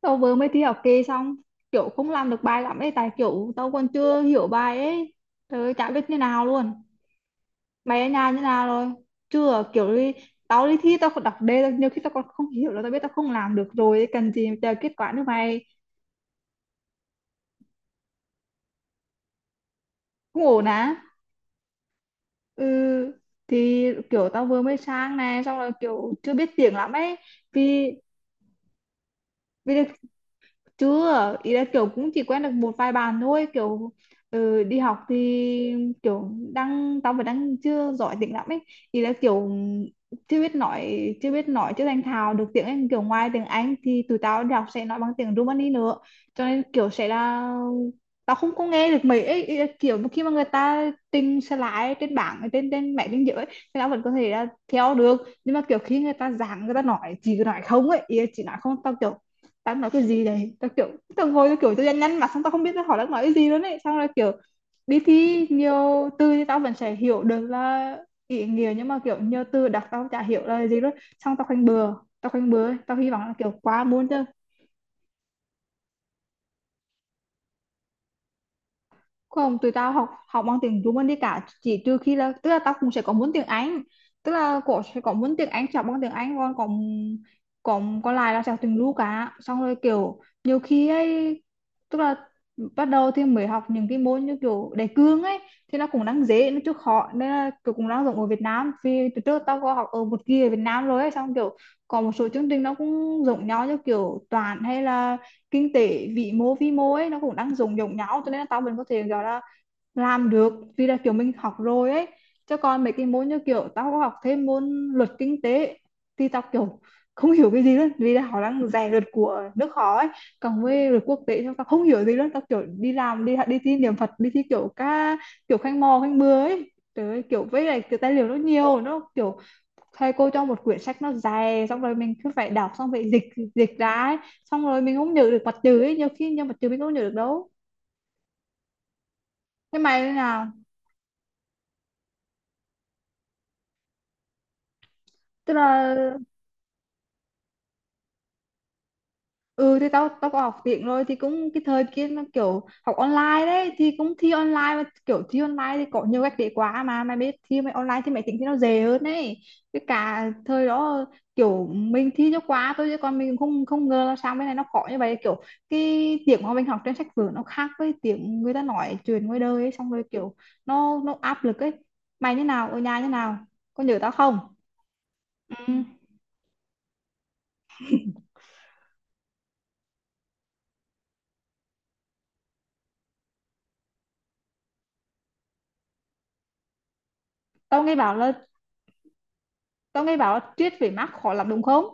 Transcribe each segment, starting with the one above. Tao vừa mới thi học kỳ xong, kiểu không làm được bài lắm ấy, tại kiểu tao còn chưa hiểu bài ấy. Trời ơi, chả biết như nào luôn. Mày ở nhà như nào rồi? Chưa kiểu đi. Tao đi thi tao còn đọc đề nhiều khi tao còn không hiểu, là tao biết tao không làm được rồi ấy, cần gì chờ kết quả nữa mày. Cũng ổn á. Ừ, thì kiểu tao vừa mới sang này xong rồi kiểu chưa biết tiếng lắm ấy. Vì vì chưa, ý là kiểu cũng chỉ quen được một vài bạn thôi kiểu. Ừ, đi học thì kiểu đang tao vẫn đang chưa giỏi tiếng lắm ấy. Ý là kiểu chưa biết nói chưa thành thạo được tiếng Anh, kiểu ngoài tiếng Anh thì tụi tao đi học sẽ nói bằng tiếng Rumani nữa, cho nên kiểu sẽ là tao không có nghe được mấy ấy. Ý là kiểu khi mà người ta trình slide trên bảng, ở trên trên máy tính giữa ấy, thì tao vẫn có thể là theo được, nhưng mà kiểu khi người ta giảng, người ta nói chỉ nói không ấy, ý là chỉ nói không tao kiểu tao nói cái gì đấy tao kiểu tao ngồi tao kiểu tao nhăn mặt xong tao không biết tao hỏi đang nói cái gì nữa ấy, xong là kiểu đi thi nhiều từ thì tao vẫn sẽ hiểu được là ý nghĩa, nhưng mà kiểu nhiều từ đọc tao chả hiểu là gì luôn, xong tao khoanh bừa. Tao khoanh bừa tao hy vọng là kiểu quá muốn chứ. Không, tụi tao học học bằng tiếng Trung Anh đi cả, chỉ trừ khi là, tức là tao cũng sẽ có muốn tiếng Anh, tức là cổ sẽ có muốn tiếng Anh sẽ học bằng tiếng Anh. Còn còn còn còn lại là sẽ học tiếng Lu cả, xong rồi kiểu nhiều khi ấy, tức là bắt đầu thì mới học những cái môn như kiểu đề cương ấy, thì nó cũng đang dễ, nó chưa khó, nên là kiểu cũng đang dùng ở Việt Nam, vì từ trước tao có học ở một kỳ ở Việt Nam rồi ấy, xong kiểu còn một số chương trình nó cũng giống nhau, như kiểu toán hay là kinh tế vĩ mô vi mô ấy, nó cũng đang dùng giống nhau cho nên là tao vẫn có thể gọi là làm được, vì là kiểu mình học rồi ấy. Cho còn mấy cái môn như kiểu tao có học thêm môn luật kinh tế thì tao kiểu không hiểu cái gì luôn, vì là họ đang rè luật của nước họ ấy. Còn với luật quốc tế thì tao không hiểu gì luôn, tao kiểu đi làm, đi đi thi niệm Phật, đi thi kiểu ca kiểu khanh mò khanh bừa ấy. Trời ơi, kiểu với lại cái tài liệu nó nhiều, nó kiểu thầy cô cho một quyển sách nó dày xong rồi mình cứ phải đọc xong phải dịch, dịch ra ấy. Xong rồi mình không nhớ được mặt chữ ấy, nhiều khi nhiều mặt chữ mình không nhớ được đâu. Cái mày thế nào? Tức là ừ, thì tao tao có học tiếng rồi, thì cũng cái thời kia nó kiểu học online đấy, thì cũng thi online, mà kiểu thi online thì có nhiều cách để quá mà mày biết, thi mày online thì mày tính thì nó dễ hơn đấy. Cái cả thời đó kiểu mình thi cho quá thôi, chứ còn mình không không ngờ là sao cái này nó khó như vậy. Kiểu cái tiếng mà mình học trên sách vở nó khác với tiếng người ta nói chuyện ngoài đời ấy, xong rồi kiểu nó áp lực ấy. Mày như nào, ở nhà như nào, có nhớ tao không? Ừ. Tao nghe bảo là, tao nghe bảo là triết về Marx khó lắm đúng không?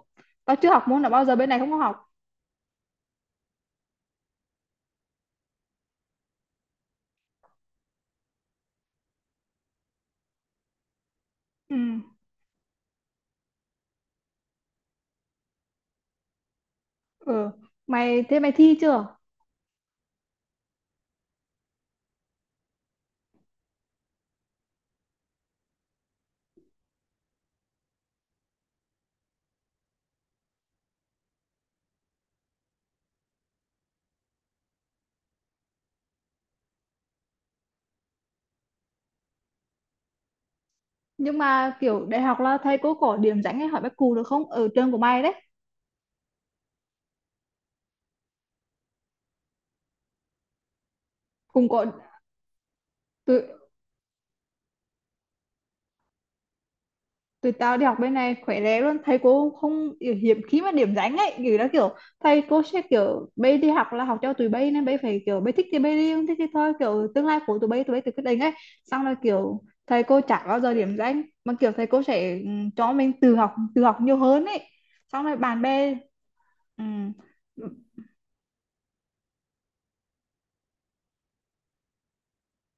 Tao chưa học môn nào bao giờ, bên này không có học. Ừ. Ừ. Mày thế mày thi chưa? Nhưng mà kiểu đại học là thầy cô có điểm danh hay hỏi bác cụ được không? Ở trường của mày đấy. Cùng có từ tụi tao đi học bên này khỏe lé luôn, thầy cô không kiểu hiếm khi mà điểm danh ấy, kiểu đó kiểu thầy cô sẽ kiểu bây đi học là học cho tụi bây, nên bây phải kiểu bây thích thì bây đi, không thích thì thôi, kiểu tương lai của tụi bây tự quyết định ấy. Xong rồi kiểu thầy cô chả bao giờ điểm danh, mà kiểu thầy cô sẽ, ừ, cho mình tự học, tự học nhiều hơn ấy. Xong rồi bạn bè, ừ,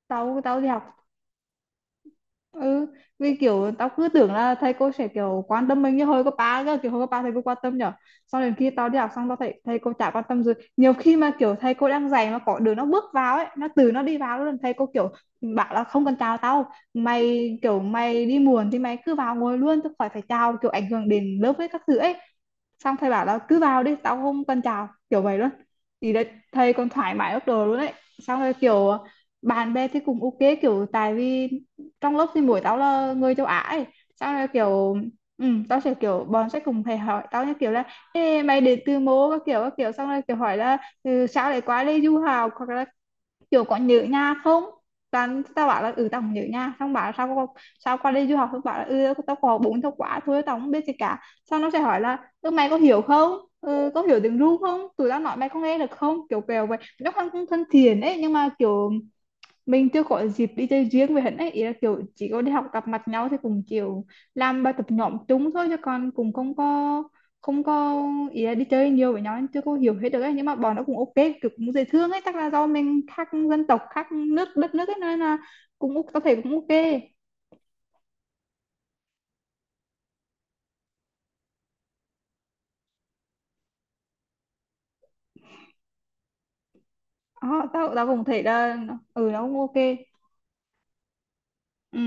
tao tao đi học. Ừ, vì kiểu tao cứ tưởng là thầy cô sẽ kiểu quan tâm mình như hồi cấp ba cơ, kiểu hồi cấp ba thầy cô quan tâm nhở. Sau đến khi tao đi học xong, tao thấy thầy cô chả quan tâm gì, nhiều khi mà kiểu thầy cô đang dạy mà có đứa nó bước vào ấy, nó từ nó đi vào luôn, thầy cô kiểu bảo là không cần chào tao mày, kiểu mày đi muộn thì mày cứ vào ngồi luôn, tao khỏi phải chào, kiểu ảnh hưởng đến lớp với các thứ ấy. Xong thầy bảo là cứ vào đi, tao không cần chào, kiểu vậy luôn. Thì đấy, thầy còn thoải mái ốc đồ luôn đấy. Xong rồi kiểu bạn bè thì cũng ok, kiểu tại vì trong lớp thì buổi tao là người châu Á ấy. Sao là kiểu ừ, tao sẽ kiểu bọn sẽ cùng thầy hỏi tao như kiểu là ê, mày đến từ mô các kiểu các kiểu, xong rồi kiểu hỏi là ừ, sao lại qua đây du học, hoặc là kiểu có nhớ nhà không. Toàn tao bảo là ừ tao không nhớ nhà, xong bảo là sao qua đây du học, xong bảo là ừ tao có 4 tháng quá thôi tao không biết gì cả. Xong nó sẽ hỏi là ừ, mày có hiểu không, ừ, có hiểu tiếng ru không, tụi tao nói mày có nghe được không, kiểu kiểu vậy. Nó không thân thiện ấy, nhưng mà kiểu mình chưa có dịp đi chơi riêng với hắn ấy, ý là kiểu chỉ có đi học gặp mặt nhau thì cùng kiểu làm bài tập nhóm chung thôi, chứ còn cùng không có ý là đi chơi nhiều với nhau, nên chưa có hiểu hết được ấy. Nhưng mà bọn nó cũng ok, kiểu cũng dễ thương ấy, chắc là do mình khác dân tộc khác nước đất nước ấy, nên là cũng tao thấy cũng ok. Ờ, tao tao cũng thấy là ừ nó cũng ok. Ừ,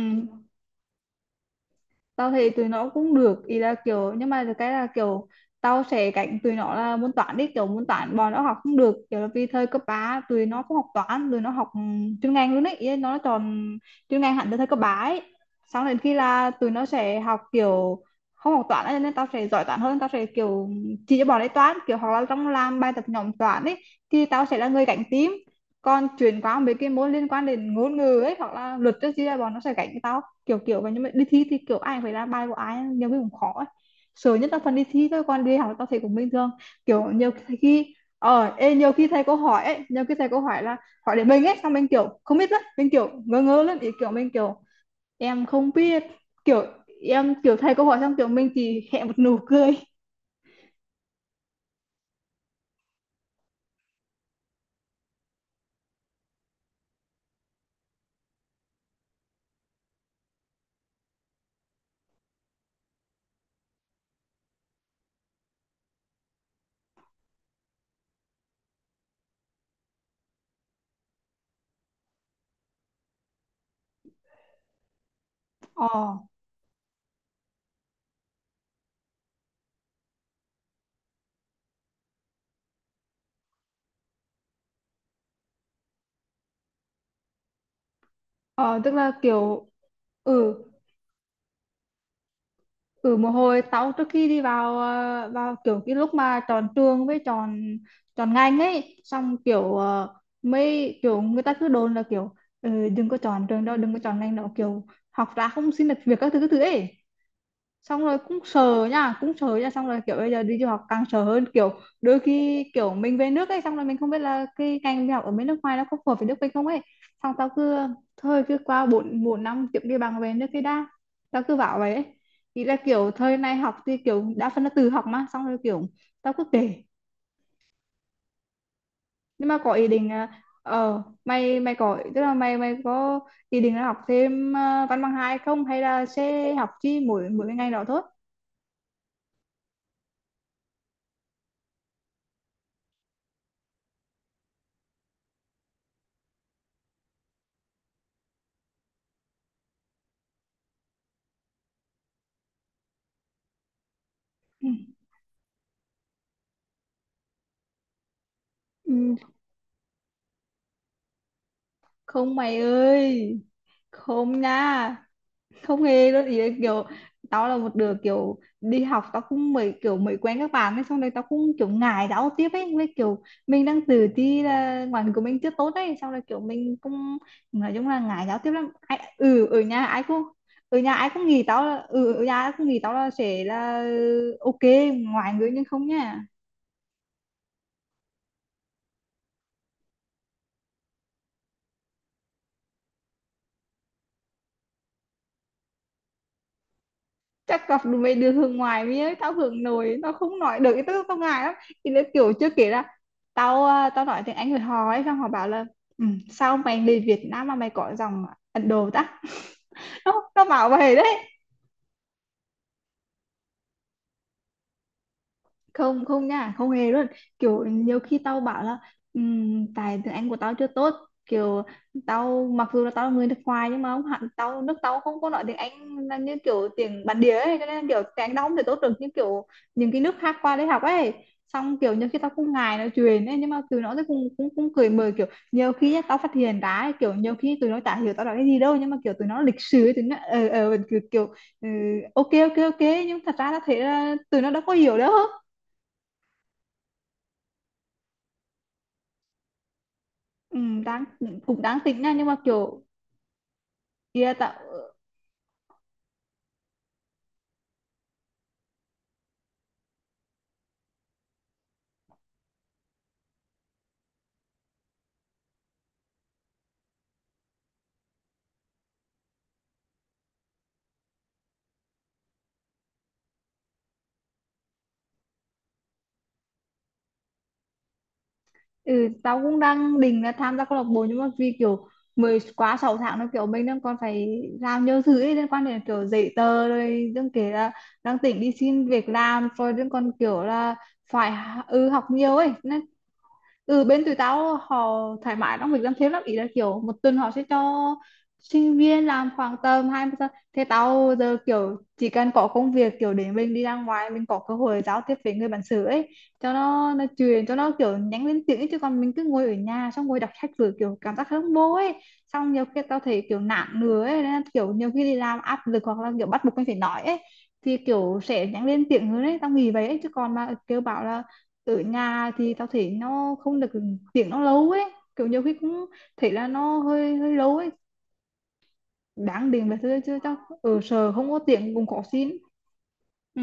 tao thấy tụi nó cũng được, ý là kiểu nhưng mà cái là kiểu tao sẽ cạnh tụi nó là môn toán đi, kiểu môn toán bọn nó học không được, kiểu là vì thời cấp 3 tụi nó không học toán, tụi nó học ừ, chuyên ngành luôn ấy, ý là nó chọn chuyên ngành hẳn từ thời cấp 3 ấy. Xong đến khi là tụi nó sẽ học kiểu không học toán ấy, nên tao sẽ giỏi toán hơn, tao sẽ kiểu chỉ cho bọn ấy toán, kiểu hoặc là trong làm bài tập nhóm toán ấy thì tao sẽ là người cạnh tím. Còn chuyển qua mấy cái môn liên quan đến ngôn ngữ ấy hoặc là luật chứ, bọn nó sẽ cạnh tao kiểu kiểu vậy. Nhưng mà đi thi thì kiểu ai phải ra bài của ai nhiều khi cũng khó ấy. Sợ nhất là phần đi thi thôi, còn đi học là tao thấy cũng bình thường. Kiểu nhiều khi nhiều khi thầy cô hỏi ấy, nhiều khi thầy cô hỏi là hỏi để mình ấy, xong mình kiểu không biết lắm, mình kiểu ngơ ngơ lắm ý, kiểu mình kiểu em không biết, kiểu em kiểu thầy cô hỏi xong kiểu mình chỉ hẹ một nụ cười. ờ ờ Tức là kiểu ừ ừ một hồi tao trước khi đi vào vào kiểu cái lúc mà chọn trường với chọn chọn ngành ấy, xong kiểu mấy kiểu người ta cứ đồn là kiểu "Ừ, đừng có chọn trường đó, đừng có chọn ngành đó, kiểu học ra không xin được việc các thứ các thứ" ấy. Xong rồi cũng sợ nha, cũng sợ nha, xong rồi kiểu bây giờ đi du học càng sợ hơn, kiểu đôi khi kiểu mình về nước ấy, xong rồi mình không biết là cái ngành mình học ở bên nước ngoài nó có phù hợp với nước mình không ấy. Xong tao cứ thôi cứ qua bốn bốn năm kiếm đi bằng về nước cái đã, tao cứ bảo vậy ấy. Ý là kiểu thời này học thì kiểu đa phần là tự học mà, xong rồi kiểu tao cứ kể nhưng mà có ý định là, mày mày có, tức là mày mày có ý định là học thêm văn bằng hai không, hay là sẽ học chỉ mỗi mỗi cái ngành đó thôi? Ừ. Ừ. Không mày ơi, không nha, không hề luôn. Ý là kiểu tao là một đứa kiểu đi học, tao cũng mới kiểu mới quen các bạn ấy, xong rồi tao cũng kiểu ngại giao tiếp ấy, với kiểu mình đang tự ti là ngoại của mình chưa tốt ấy, xong rồi kiểu mình cũng nói chung là ngại giao tiếp lắm. Ai, ừ ở nhà ai cũng ở nhà ai cũng nghĩ tao là ừ ở nhà ai cũng nghĩ tao là sẽ là ok ngoại ngữ, nhưng không nha. Chắc gặp được mấy đứa hướng ngoài với tao hướng nội, nó không nói được cái tức tao ngại lắm. Thì nó kiểu chưa kể là tao tao nói tiếng Anh với họ ấy, xong họ bảo là "Ừ, sao mày đi Việt Nam mà mày có dòng Ấn Độ ta?" Nó bảo vậy đấy. Không không nha, không hề luôn. Kiểu nhiều khi tao bảo là tại tiếng Anh của tao chưa tốt, kiểu tao mặc dù là tao là người nước ngoài nhưng mà không hẳn, tao nước tao không có nói tiếng Anh là như kiểu tiếng bản địa ấy, cho nên là kiểu tiếng Anh tao không thể tốt được như kiểu những cái nước khác qua đây học ấy". Xong kiểu nhiều khi tao cũng ngại nói chuyện ấy, nhưng mà tụi nó thì cũng cũng cũng cười mời kiểu, nhiều khi nhá, tao phát hiện ra ấy, kiểu nhiều khi tụi nó chả hiểu tao nói cái gì đâu, nhưng mà kiểu tụi nó lịch sự ấy, tụi nó kiểu, kiểu ừ, ok ok ok, nhưng thật ra tao thấy là tụi nó đâu có hiểu đâu. Ừ, đang cũng đang tính nha, nhưng mà kiểu kia tao ừ, tao cũng đang định là tham gia câu lạc bộ, nhưng mà vì kiểu mới quá 6 tháng, nó kiểu mình đang còn phải làm nhiều thứ ấy, liên quan đến kiểu giấy tờ, rồi đừng kể là đang tính đi xin việc làm, rồi đừng còn kiểu là phải ừ, học nhiều ấy. Ừ bên tụi tao họ thoải mái trong việc làm thêm lắm, ý là kiểu một tuần họ sẽ cho sinh viên làm khoảng tầm 20 giờ. Thế tao giờ kiểu chỉ cần có công việc kiểu để mình đi ra ngoài, mình có cơ hội giao tiếp với người bản xứ ấy, cho nó truyền cho nó, kiểu nhắn lên tiếng ấy. Chứ còn mình cứ ngồi ở nhà xong ngồi đọc sách vừa kiểu cảm giác không vô ấy. Xong nhiều khi tao thấy kiểu nản nữa ấy, nên là kiểu nhiều khi đi làm áp lực hoặc là kiểu bắt buộc mình phải nói ấy, thì kiểu sẽ nhắn lên tiếng hơn ấy, tao nghĩ vậy ấy. Chứ còn mà kêu bảo là ở nhà thì tao thấy nó không được, tiếng nó lâu ấy, kiểu nhiều khi cũng thấy là nó hơi hơi lâu ấy, đáng điện về thôi. Chứ tao ở sở không có tiếng cũng khó xin. Ừ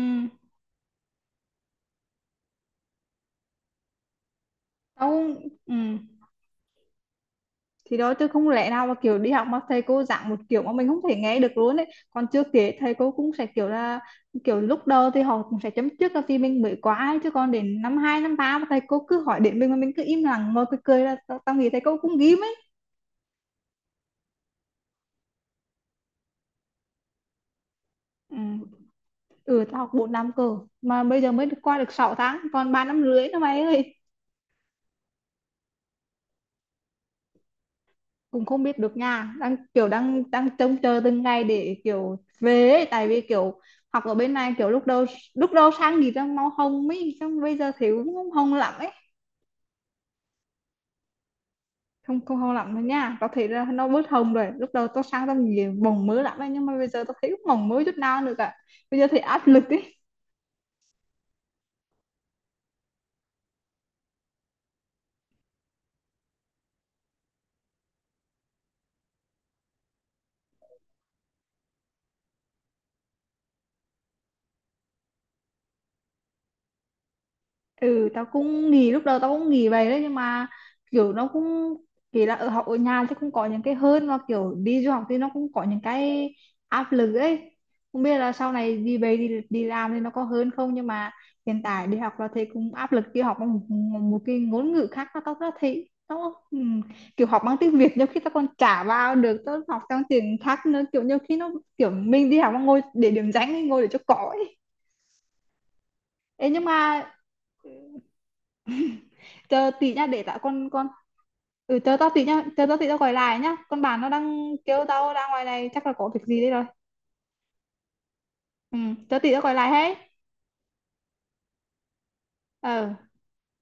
tao ừ thì đó, chứ không lẽ nào mà kiểu đi học mà thầy cô giảng một kiểu mà mình không thể nghe được luôn ấy. Còn chưa kể thầy cô cũng sẽ kiểu là kiểu lúc đầu thì họ cũng sẽ chấm trước là vì mình mới quá ấy, chứ còn đến năm hai năm ba mà thầy cô cứ hỏi đến mình mà mình cứ im lặng ngồi cười cười là tao nghĩ thầy cô cũng ghim ấy. Ừ ừ tao học 4 năm cơ, mà bây giờ mới được qua được 6 tháng, còn 3 năm rưỡi nữa mày ơi. Cũng không biết được, nhà đang kiểu đang đang trông chờ từng ngày để kiểu về ấy. Tại vì kiểu học ở bên này kiểu lúc đầu sang thì đang mau hồng ấy, xong bây giờ thì cũng không hồng lắm ấy. Không không hồng lắm đâu nha, có thể là nó bớt hồng rồi, lúc đầu tao sang tao nhìn bồng mới lắm ấy, nhưng mà bây giờ tao thấy cũng bồng mới chút nào nữa cả, bây giờ thì áp lực ấy. Ừ tao cũng nghỉ, lúc đầu tao cũng nghỉ vậy đấy, nhưng mà kiểu nó cũng kỳ là ở học ở nhà chứ cũng có những cái hơn, mà kiểu đi du học thì nó cũng có những cái áp lực ấy, không biết là sau này đi về đi đi làm thì nó có hơn không. Nhưng mà hiện tại đi học là thấy cũng áp lực, đi học bằng một cái ngôn ngữ khác, nó tao nó thấy nó kiểu học bằng tiếng Việt nhiều khi tao còn chả vào được, tao học trong tiếng khác nữa kiểu nhiều khi nó kiểu mình đi học mà ngồi để điểm danh ấy, ngồi để cho có ấy. Ê, nhưng mà chờ tí nha, để tao con. Ừ chờ tao tí nhá, chờ tao tí tao gọi lại nhá, con bạn nó đang kêu tao ra ngoài này chắc là có việc gì đấy rồi. Ừ chờ tí tao gọi lại hết. Ừ.